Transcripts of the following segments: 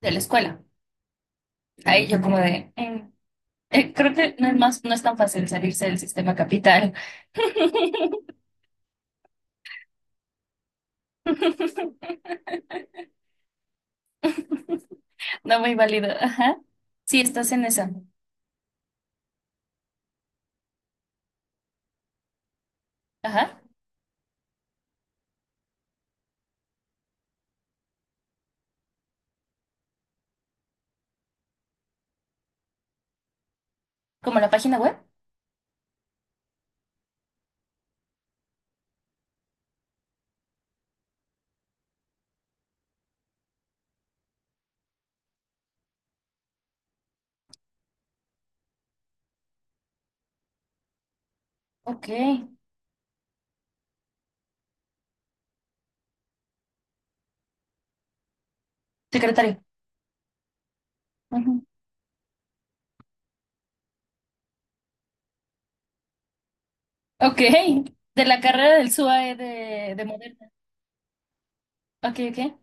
De la escuela. Ahí yo como de, creo que no es más, no es tan fácil salirse del sistema capital. No muy válido. Ajá. Sí, estás en esa. Ajá. Como la página web. Ok. Secretario. Ujú. Ok. De la carrera del SUAE de Moderna. Ok, ok.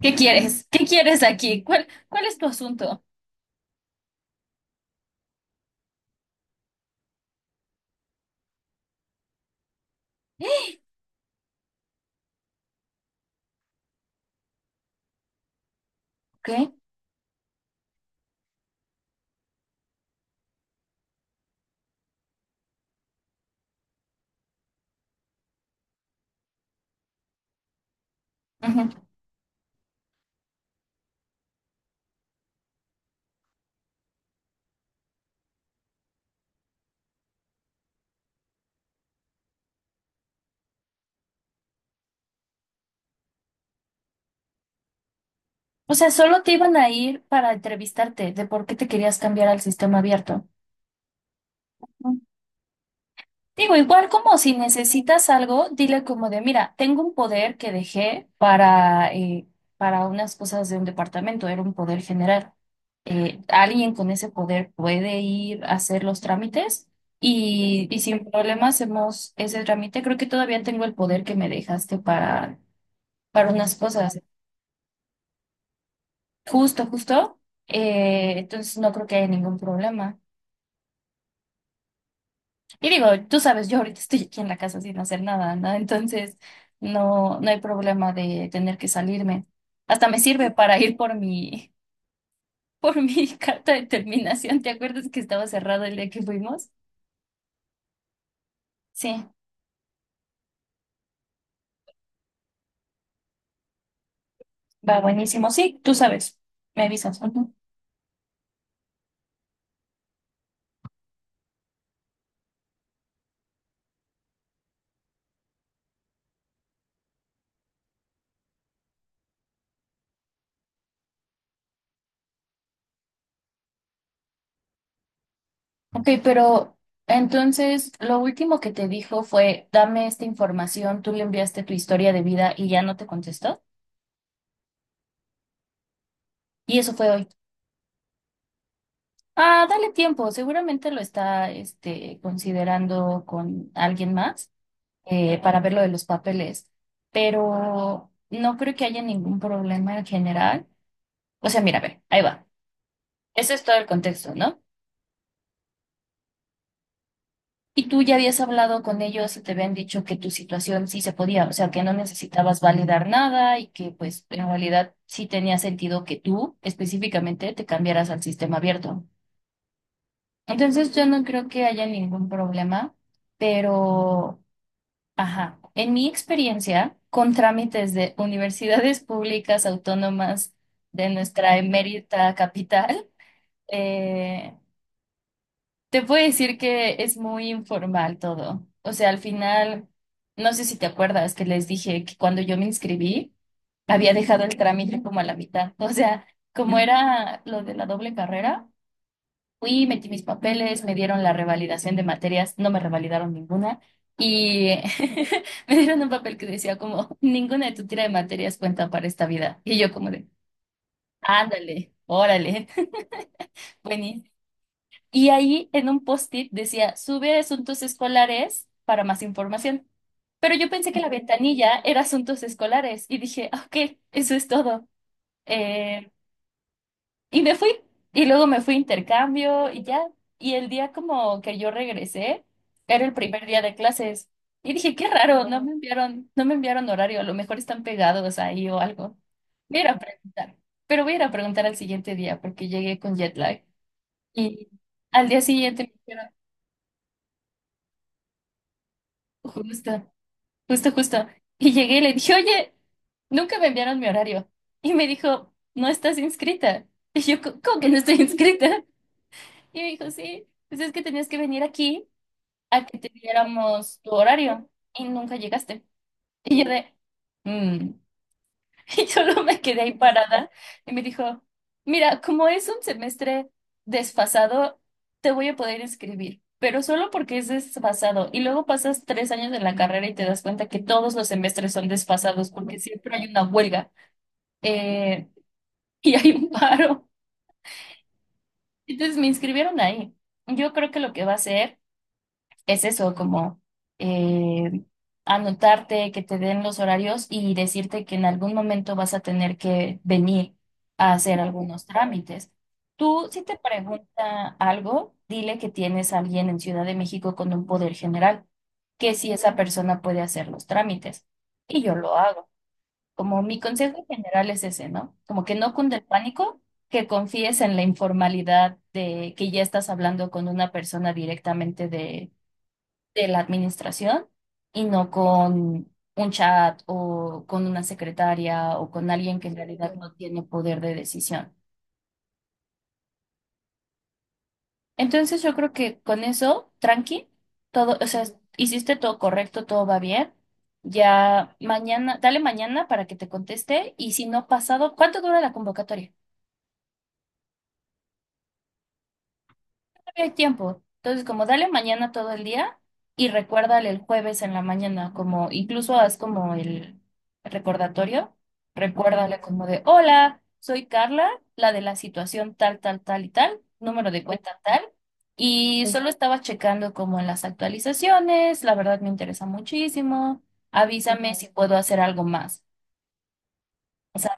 ¿Qué quieres? ¿Qué quieres aquí? ¿Cuál es tu asunto? Ok. Ujú. O sea, solo te iban a ir para entrevistarte de por qué te querías cambiar al sistema abierto. Digo, igual como si necesitas algo, dile como de, mira, tengo un poder que dejé para unas cosas de un departamento, era un poder general. Alguien con ese poder puede ir a hacer los trámites y sin problemas hacemos ese trámite. Creo que todavía tengo el poder que me dejaste para unas cosas. Justo, justo. Entonces no creo que haya ningún problema. Y digo, tú sabes, yo ahorita estoy aquí en la casa sin hacer nada, ¿no? Entonces, no, no hay problema de tener que salirme. Hasta me sirve para ir por mi, por mi carta de terminación. ¿Te acuerdas que estaba cerrado el día que fuimos? Sí, va buenísimo. Sí, tú sabes, me avisas. Ujú. Ok, pero entonces lo último que te dijo fue, dame esta información, tú le enviaste tu historia de vida y ya no te contestó. Y eso fue hoy. Ah, dale tiempo, seguramente lo está este, considerando con alguien más, para ver lo de los papeles, pero no creo que haya ningún problema en general. O sea, mira, a ver, ahí va. Ese es todo el contexto, ¿no? Y tú ya habías hablado con ellos y te habían dicho que tu situación sí se podía, o sea, que no necesitabas validar nada y que pues en realidad sí tenía sentido que tú específicamente te cambiaras al sistema abierto. Entonces yo no creo que haya ningún problema, pero... Ajá. En mi experiencia, con trámites de universidades públicas autónomas de nuestra emérita capital, eh, te puedo decir que es muy informal todo. O sea, al final, no sé si te acuerdas que les dije que cuando yo me inscribí, había dejado el trámite como a la mitad. O sea, como era lo de la doble carrera. Fui, metí mis papeles, me dieron la revalidación de materias, no me revalidaron ninguna y me dieron un papel que decía como, ninguna de tu tira de materias cuenta para esta vida. Y yo como de, ándale, órale, buenísimo. Y ahí en un post-it decía, sube asuntos escolares para más información. Pero yo pensé que la ventanilla era asuntos escolares y dije, "Ah, ok, eso es todo". Eh, Y me fui. Y luego me fui a intercambio y ya. Y el día como que yo regresé, era el primer día de clases. Y dije, qué raro, no me enviaron, no me enviaron horario, a lo mejor están pegados ahí o algo. Voy a ir a preguntar. Pero voy a ir a preguntar al siguiente día porque llegué con jet lag. Y al día siguiente me dijeron, justo, justo. Y llegué y le dije, oye, nunca me enviaron mi horario. Y me dijo, no estás inscrita. Y yo, "¿Cómo que no estoy inscrita?". Y me dijo, sí, pues es que tenías que venir aquí a que te diéramos tu horario y nunca llegaste. Y yo de, "Mm". Y solo me quedé ahí parada y me dijo, mira, como es un semestre desfasado, te voy a poder inscribir, pero solo porque es desfasado. Y luego pasas tres años de la carrera y te das cuenta que todos los semestres son desfasados porque siempre hay una huelga, eh, y hay un paro. Entonces me inscribieron ahí. Yo creo que lo que va a hacer es eso, como, eh, anotarte, que te den los horarios y decirte que en algún momento vas a tener que venir a hacer algunos trámites. Tú, si te pregunta algo, dile que tienes a alguien en Ciudad de México con un poder general, que si esa persona puede hacer los trámites. Y yo lo hago. Como mi consejo general es ese, ¿no? Como que no cunde el pánico, que confíes en la informalidad de que ya estás hablando con una persona directamente de la administración y no con un chat o con una secretaria o con alguien que en realidad no tiene poder de decisión. Entonces yo creo que con eso, tranqui, todo, o sea, hiciste todo correcto, todo va bien. Ya mañana, dale mañana para que te conteste y si no pasado, ¿cuánto dura la convocatoria? El tiempo. Entonces, como dale mañana todo el día y recuérdale el jueves en la mañana, como incluso haz como el recordatorio, recuérdale como de, hola, soy Carla, la de la situación tal, tal, tal y tal, número de cuenta tal, y solo estaba checando como en las actualizaciones, la verdad me interesa muchísimo, avísame si puedo hacer algo más. O sea,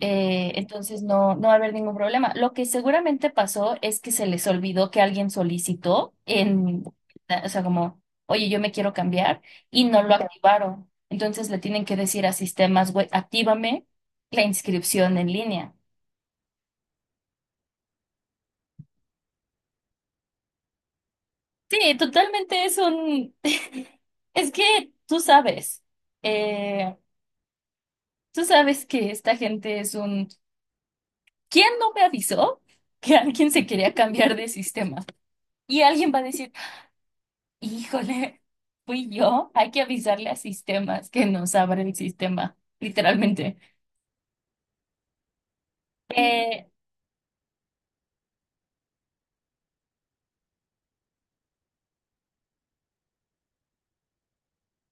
entonces no, no va a haber ningún problema. Lo que seguramente pasó es que se les olvidó que alguien solicitó en, o sea, como, oye, yo me quiero cambiar y no lo activaron. Entonces le tienen que decir a sistemas web, actívame la inscripción en línea. Sí, totalmente es un, es que eh, tú sabes que esta gente es un, ¿quién no me avisó que alguien se quería cambiar de sistema? Y alguien va a decir, híjole, fui yo. Hay que avisarle a sistemas que nos abre el sistema, literalmente. Eh,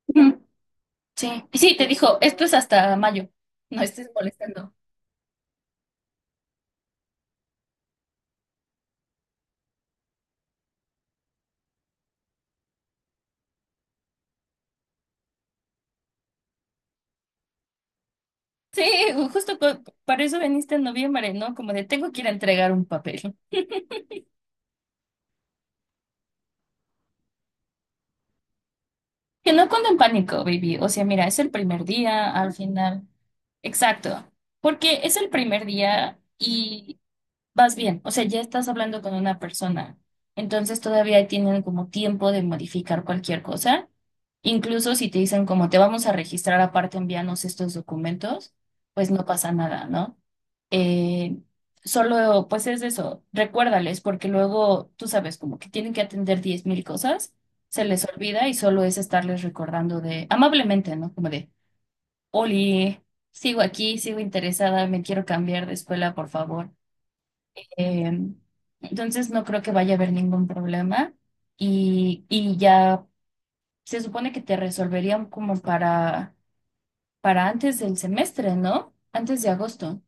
ujú, sí, y sí, te dijo, esto es hasta mayo. No estés molestando. Sí, justo co- para eso viniste en noviembre, ¿no? Como de tengo que ir a entregar un papel. Que no cuando en pánico, baby. O sea, mira, es el primer día, al final. Exacto. Porque es el primer día y vas bien, o sea, ya estás hablando con una persona, entonces todavía tienen como tiempo de modificar cualquier cosa, incluso si te dicen como te vamos a registrar aparte, envíanos estos documentos, pues no pasa nada, ¿no? Eh, solo, pues es eso, recuérdales, porque luego, tú sabes, como que tienen que atender 10.000 cosas, se les olvida y solo es estarles recordando de, amablemente, ¿no? Como de, Oli, sigo aquí, sigo interesada, me quiero cambiar de escuela, por favor. Eh, entonces no creo que vaya a haber ningún problema y ya se supone que te resolverían como para antes del semestre, ¿no? Antes de agosto.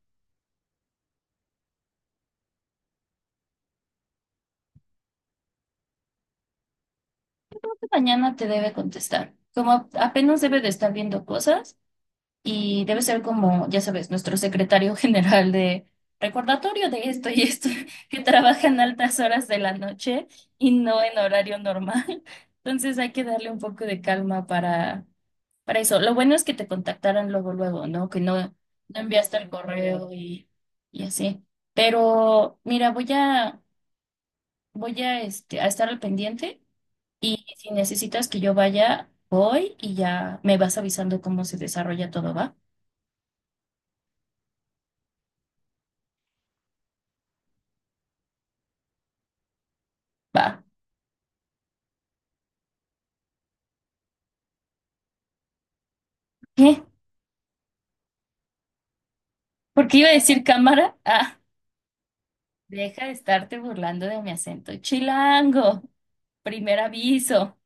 Mañana te debe contestar. Como apenas debe de estar viendo cosas y debe ser como, ya sabes, nuestro secretario general de recordatorio de esto y esto, que trabaja en altas horas de la noche y no en horario normal. Entonces hay que darle un poco de calma para eso, lo bueno es que te contactaran luego, luego, ¿no? Que no, no enviaste el correo y así. Pero mira, este, a estar al pendiente y si necesitas que yo vaya, voy y ya me vas avisando cómo se desarrolla todo, ¿va? Va. ¿Qué? ¿Por qué iba a decir cámara? Ah, deja de estarte burlando de mi acento. Chilango, primer aviso.